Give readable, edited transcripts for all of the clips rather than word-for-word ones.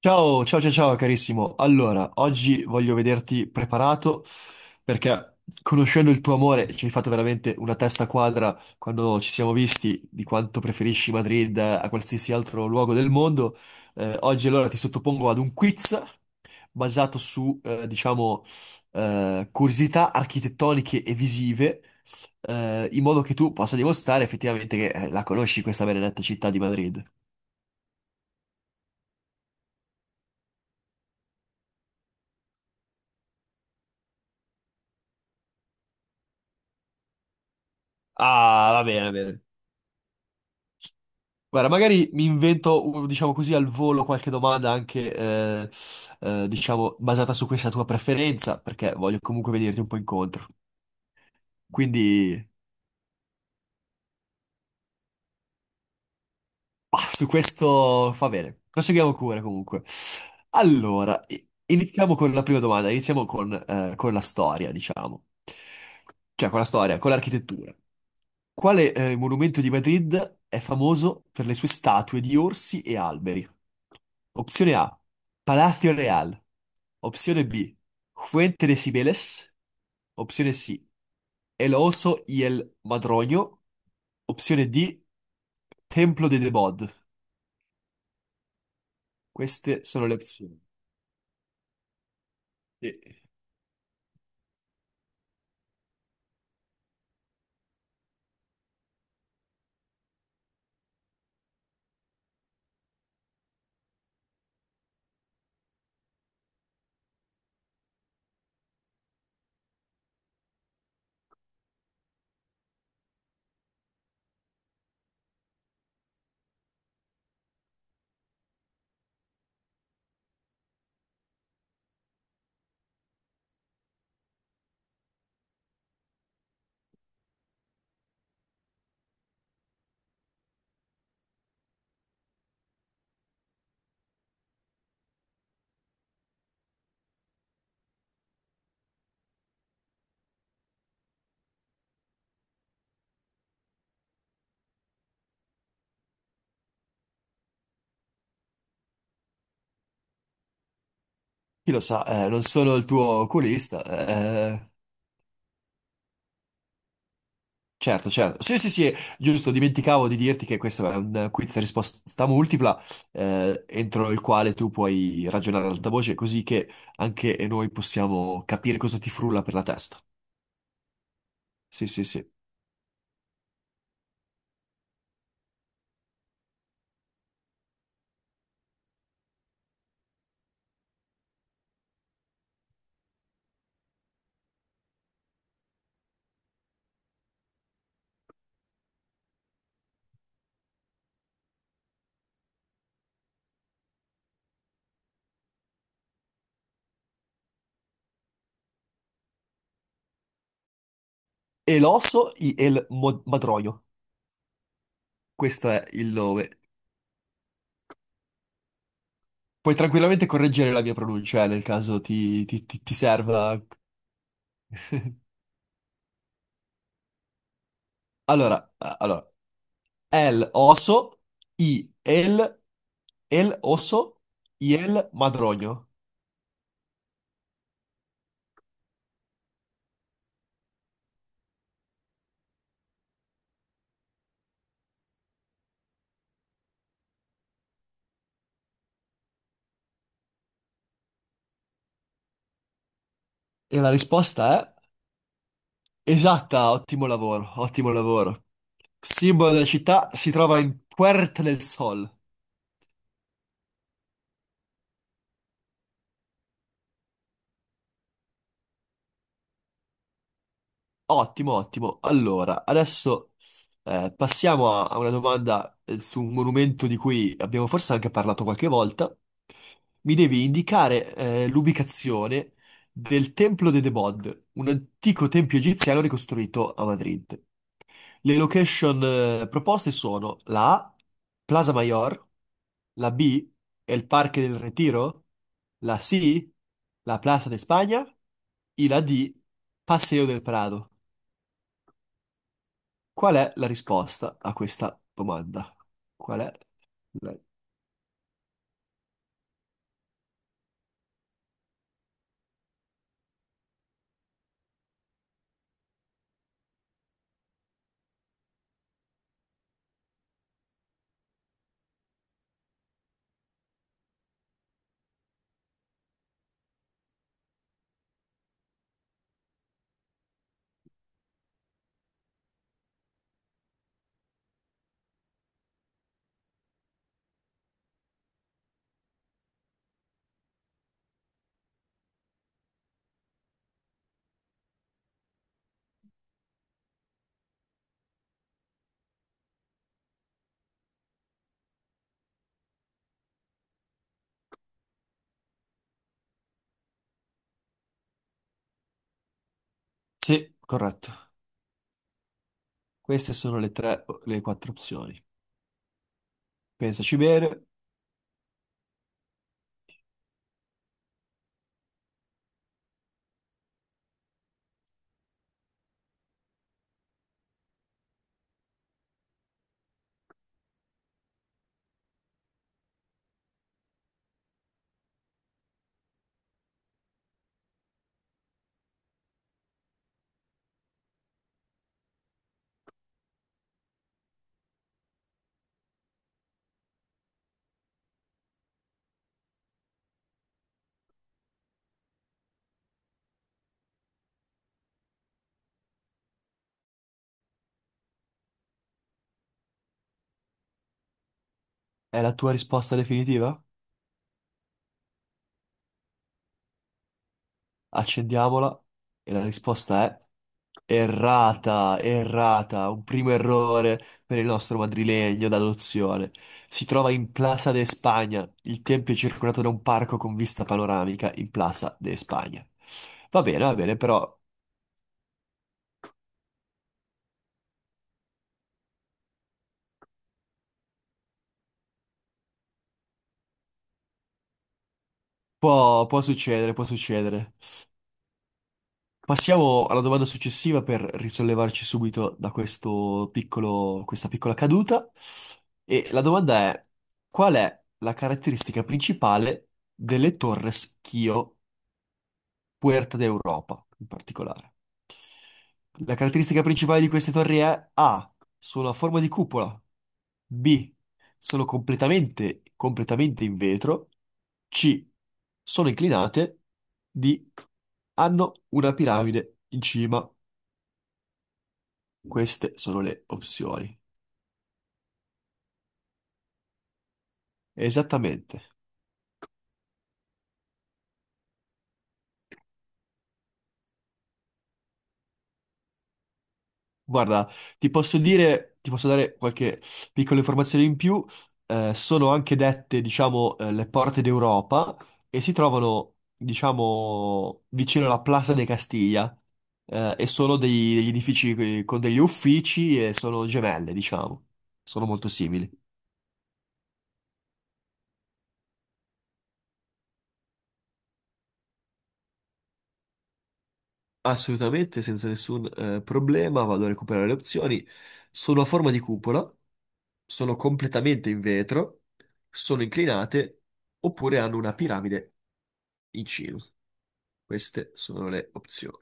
Ciao, ciao, ciao, ciao, carissimo. Allora, oggi voglio vederti preparato perché conoscendo il tuo amore ci hai fatto veramente una testa quadra quando ci siamo visti di quanto preferisci Madrid a qualsiasi altro luogo del mondo. Oggi allora ti sottopongo ad un quiz basato su, diciamo, curiosità architettoniche e visive, in modo che tu possa dimostrare effettivamente che la conosci questa benedetta città di Madrid. Ah, va bene, va bene. Guarda, magari mi invento, diciamo così, al volo qualche domanda anche, diciamo, basata su questa tua preferenza, perché voglio comunque venirti un po' incontro. Quindi, su questo fa bene. Proseguiamo pure, comunque. Allora, iniziamo con la prima domanda, iniziamo con la storia, diciamo. Cioè, con la storia, con l'architettura. Quale, monumento di Madrid è famoso per le sue statue di orsi e alberi? Opzione A, Palacio Real. Opzione B, Fuente de Sibeles. Opzione C, El Oso y el Madroño. Opzione D, Templo de Debod. Queste sono le opzioni. Sì. Chi lo sa, non sono il tuo oculista. Eh. Certo, certo. Sì, sì, sì, giusto, dimenticavo di dirti che questo è un quiz a risposta multipla, entro il quale tu puoi ragionare ad alta voce, così che anche noi possiamo capire cosa ti frulla per la testa. Sì, sì, sì. El oso y el mo- madroño. Questo è il nome. Puoi tranquillamente correggere la mia pronuncia, nel caso ti serva. Allora, allora, el oso y el El oso y el madroño. E la risposta è esatta, ottimo lavoro, ottimo lavoro. Simbolo della città si trova in Puerta del Sol. Ottimo, ottimo. Allora, adesso passiamo a, a una domanda su un monumento di cui abbiamo forse anche parlato qualche volta. Mi devi indicare l'ubicazione del Templo de Debod, un antico tempio egiziano ricostruito a Madrid. Le location proposte sono la A, Plaza Mayor, la B, El Parque del Retiro, la C, la Plaza de España e la D, Paseo del Prado. Qual è la risposta a questa domanda? Qual è? la- Sì, corretto. Queste sono le tre, le quattro opzioni. Pensaci bene, è la tua risposta definitiva? Accendiamola e la risposta è errata, errata, un primo errore per il nostro madrilegno d'adozione. Si trova in Plaza de Spagna, il tempio è circondato da un parco con vista panoramica in Plaza de Spagna. Va bene, però può, può succedere, può succedere. Passiamo alla domanda successiva per risollevarci subito da questo piccolo, questa piccola caduta. E la domanda è: qual è la caratteristica principale delle Torres Kio? Puerta d'Europa in particolare. La caratteristica principale di queste torri è A, solo a forma di cupola, B, sono completamente in vetro, C, sono inclinate, D, hanno una piramide in cima. Queste sono le opzioni. Esattamente. Guarda, ti posso dire, ti posso dare qualche piccola informazione in più. Sono anche dette, diciamo, le porte d'Europa e si trovano, diciamo, vicino alla Plaza de Castiglia. E sono degli edifici con degli uffici e sono gemelle, diciamo. Sono molto simili. Assolutamente, senza nessun problema, vado a recuperare le opzioni. Sono a forma di cupola, sono completamente in vetro, sono inclinate oppure hanno una piramide in cima. Queste sono le opzioni.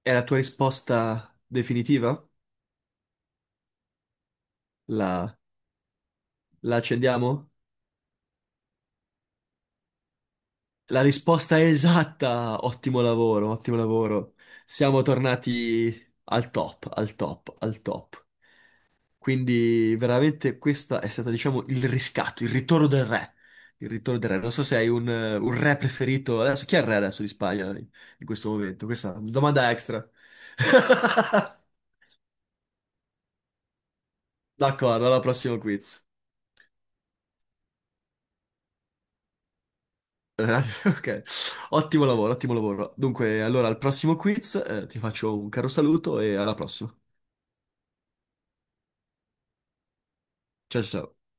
È la tua risposta definitiva? La, la accendiamo? La risposta è esatta! Ottimo lavoro, ottimo lavoro. Siamo tornati al top, al top, al top. Quindi veramente questa è stata, diciamo, il riscatto, il ritorno del re. Il ritorno del re. Non so se hai un re preferito. Adesso, chi è il re adesso di Spagna in, in questo momento? Questa è una domanda extra. D'accordo, alla prossima quiz. Eh, Ok, ottimo lavoro, ottimo lavoro. Dunque, allora al prossimo quiz, ti faccio un caro saluto e alla prossima. Ciao ciao. Ciao.